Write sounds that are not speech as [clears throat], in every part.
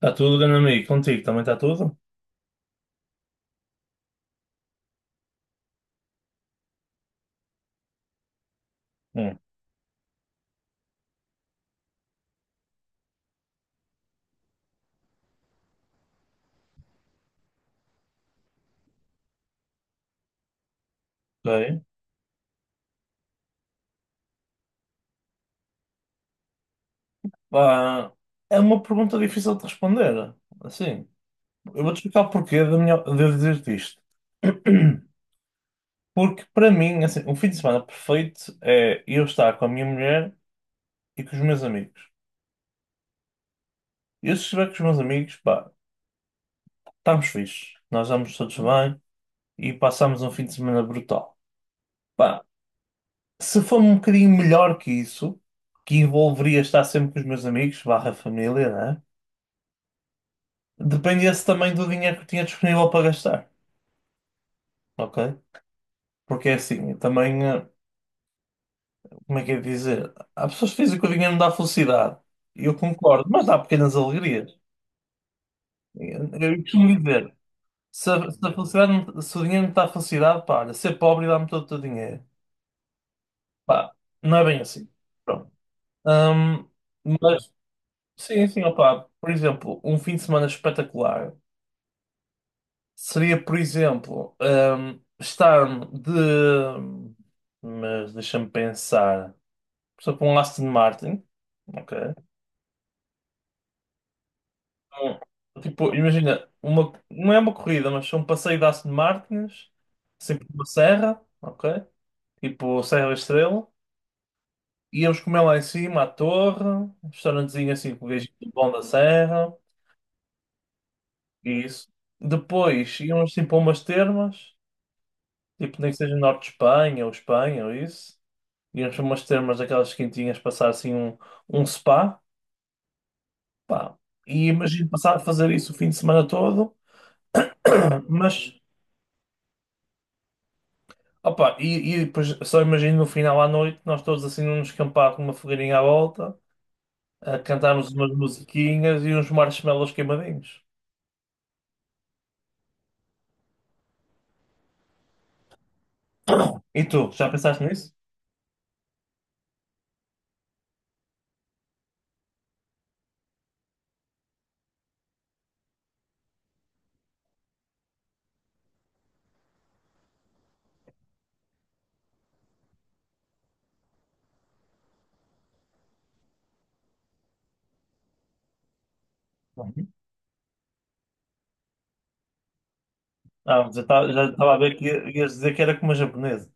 Está tudo, grande amigo? Contigo também está tudo? Hum. Ok. Pá, é uma pergunta difícil de responder. Assim, eu vou-te explicar o porquê de eu dizer-te isto. [clears throat] Porque para mim, assim, um fim de semana perfeito é eu estar com a minha mulher e com os meus amigos. Eu se estiver com os meus amigos, pá, estamos fixes. Nós estamos todos bem e passamos um fim de semana brutal. Pá, se for um bocadinho melhor que isso, que envolveria estar sempre com os meus amigos, barra família, né? Dependia-se também do dinheiro que tinha disponível para gastar, ok? Porque é assim, eu também, como é que é de dizer? Há pessoas que dizem que o dinheiro não dá felicidade. E eu concordo, mas dá pequenas alegrias. Eu costumo dizer, se a felicidade, se o dinheiro não te dá felicidade, pá, olha, ser pobre dá-me todo o teu dinheiro. Pá, não é bem assim. Pronto. Ahm, mas sim, sim, opá, por exemplo, um fim de semana espetacular. Seria, por exemplo, estar de. Mas deixa-me pensar. Por exemplo, um Aston Martin. Ok. Um, tipo, imagina, uma, não é uma corrida, mas um passeio de Aston Martins, sempre por uma serra, ok? Tipo Serra da Estrela. Íamos comer lá em cima, à torre, um restaurantezinho assim com o gajinho bom da serra, e isso. Depois íamos assim para umas termas, tipo nem que seja norte de Espanha ou Espanha ou isso. Íamos para umas termas daquelas quentinhas, passar assim um, um spa, pá. E imagino passar a fazer isso o fim de semana todo, mas, opa, e depois só imagino no final à noite, nós todos assim num descampado com uma fogueirinha à volta, a cantarmos umas musiquinhas e uns marshmallows queimadinhos. E tu, já pensaste nisso? Uhum. Ah, já estava a ver que ias dizer que era como uma japonesa.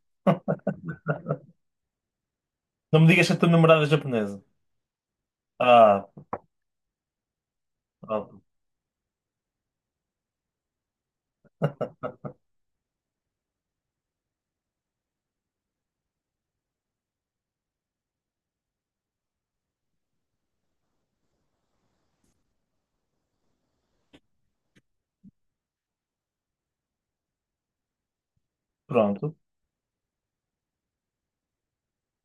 Não me digas que a tua namorada é japonesa. Ah, ah, pronto.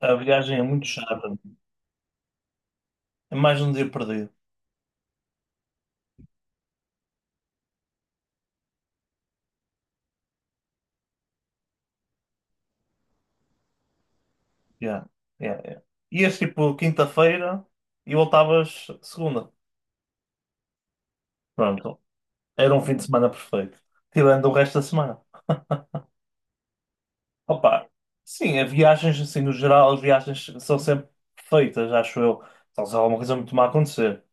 A viagem é muito chata. É mais um dia perdido. Yeah, yeah, yeah. Ias tipo quinta-feira e voltavas segunda. Pronto. Era um fim de semana perfeito. Tirando o resto da semana. Opa, sim, as viagens, assim, no geral, as viagens são sempre perfeitas, acho eu. Só se há alguma coisa muito má a acontecer.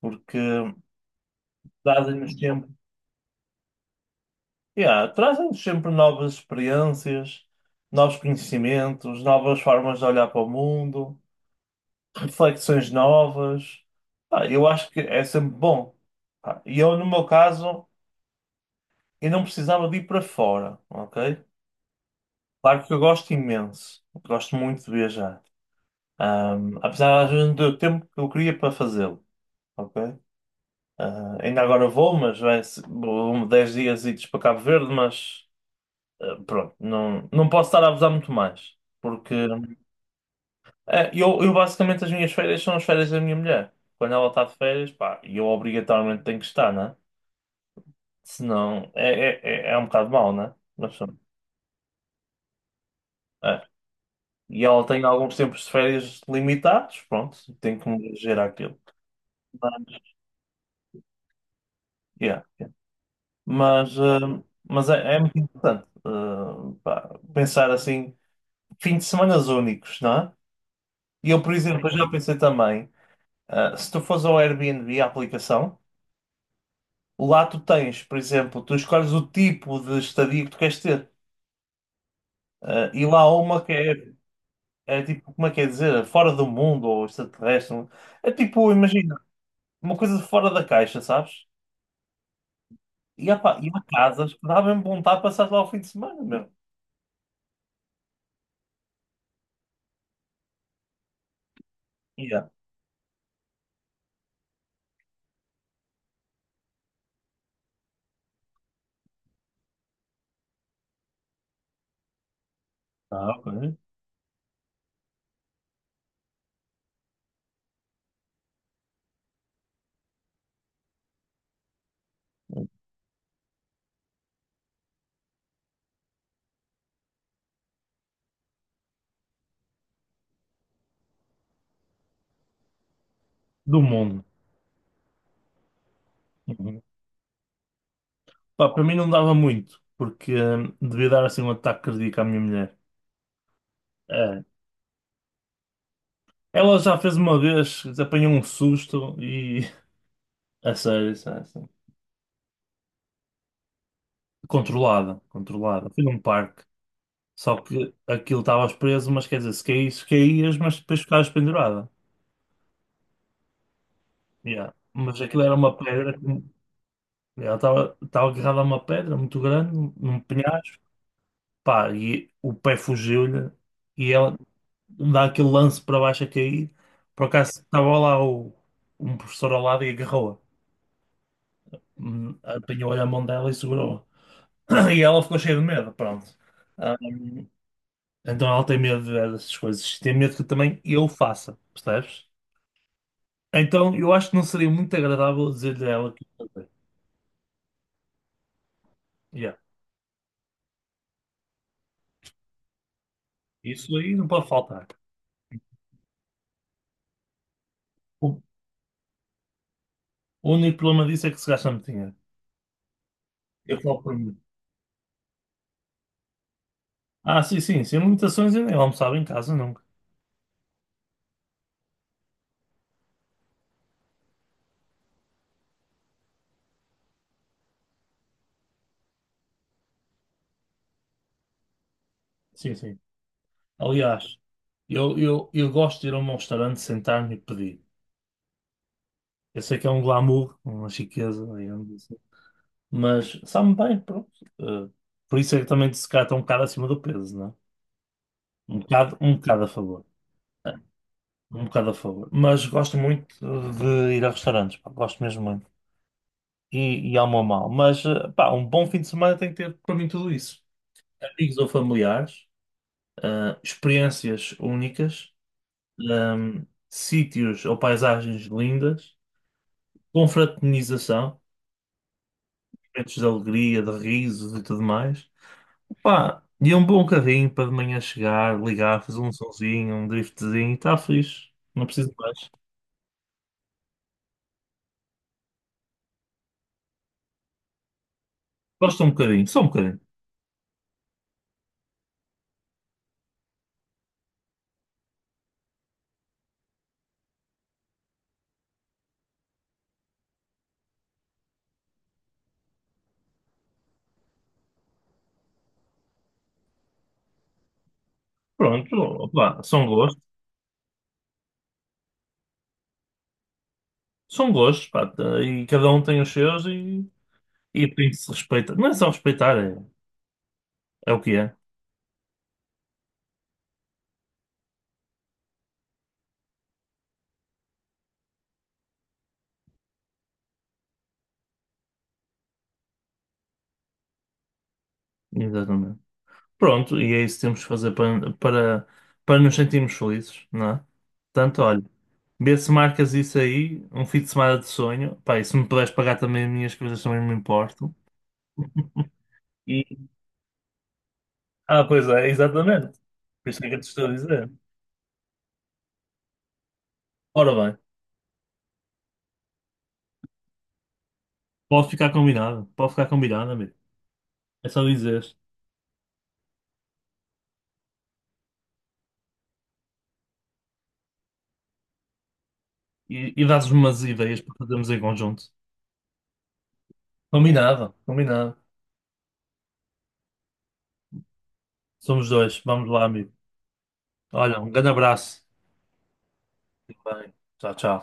Porque trazem-nos sempre, yeah, trazem-nos sempre novas experiências, novos conhecimentos, novas formas de olhar para o mundo, reflexões novas. Ah, eu acho que é sempre bom. Pá, e eu, no meu caso, e não precisava de ir para fora, ok? Claro que eu gosto imenso, gosto muito de viajar. Apesar às vezes não ter o tempo que eu queria para fazê-lo, ok? Ah, ainda agora vou, mas vai se- vou 10 dias idos para Cabo Verde, mas ah, pronto, não, não posso estar a abusar muito mais. Porque ah, eu basicamente as minhas férias são as férias da minha mulher. Quando ela está de férias, pá, eu obrigatoriamente tenho que estar, né? Senão é um bocado mau, né? Mas pronto. E ela tem alguns tempos de férias limitados, pronto, tem que me gerar aquilo. Mas yeah, yeah. Mas, mas é muito importante pá, pensar assim, fim de semanas únicos, não é? E eu, por exemplo, eu já pensei também, se tu fores ao Airbnb, a aplicação, lá tu tens, por exemplo, tu escolhes o tipo de estadia que tu queres ter. E lá há uma que é, é tipo, como é que é dizer, fora do mundo ou extraterrestre. É tipo, imagina, uma coisa fora da caixa, sabes? E, opa, e uma casa, acho que dá mesmo vontade de passar lá o fim de semana mesmo. Yeah. Ah, ok. Do mundo. Uhum. Pá, para mim não dava muito, porque devia dar assim um ataque cardíaco à minha mulher. É. Ela já fez uma vez, apanhou um susto e. [laughs] A sério, a sério, a sério. Controlada, controlada. Fui num parque. Só que aquilo estavas preso, mas quer dizer, se caísse, caías, mas depois ficavas pendurada. Yeah. Mas aquilo era uma pedra. Que ela estava agarrada a uma pedra muito grande, num penhasco. Pá, e o pé fugiu-lhe e ela dá aquele lance para baixo a cair. Por acaso estava lá um professor ao lado e agarrou-a. Apanhou-lhe a mão dela e segurou-a. [clears throat] E ela ficou cheia de medo, pronto. Hum, então ela tem medo dessas coisas. Tem medo que também eu faça, percebes? Então eu acho que não seria muito agradável dizer-lhe a ela que ia fazer. Yeah. Isso aí não pode faltar. O o único problema disso é que se gasta muito dinheiro. Eu falo por mim. Ah, sim, sim, sem limitações eu nem almoçava em casa nunca. Sim, sim. Aliás, eu gosto de ir a um restaurante, sentar-me e pedir. Eu sei que é um glamour, uma chiqueza, digamos assim. Mas sabe-me bem, pronto. Eh, por isso é que também se calhar estou um bocado acima do peso, não é? Um bocado a favor. É, um bocado a favor. Mas gosto muito de ir a restaurantes, pá, gosto mesmo muito. E amo a mal. Mas, pá, um bom fim de semana tem que ter para mim tudo isso. Amigos ou familiares, experiências únicas, sítios ou paisagens lindas, confraternização, momentos de alegria, de risos e tudo mais. Pá, e um bom carrinho para de manhã chegar, ligar, fazer um sonzinho, um driftzinho, está fixe, não preciso de mais. Gosto um bocadinho, só um bocadinho. Pronto, opá, são gostos, pá, tá, e cada um tem os seus e tem que se respeitar. Não é só respeitar, é, é o que é. Exatamente. Pronto, e é isso que temos que fazer para nos sentirmos felizes, não é? Portanto, olha, vê se marcas isso aí, um fim de semana de sonho. Pá, e se me puderes pagar também as minhas coisas, também não me importo. E... ah, pois é, exatamente. Por isso é que eu te estou a dizer. Ora bem, pode ficar combinado, amigo. É só dizer. E dás-me umas ideias para fazermos em conjunto. Combinado, combinado. Somos dois, vamos lá, amigo. Olha, um grande abraço. Fique bem. Tchau, tchau.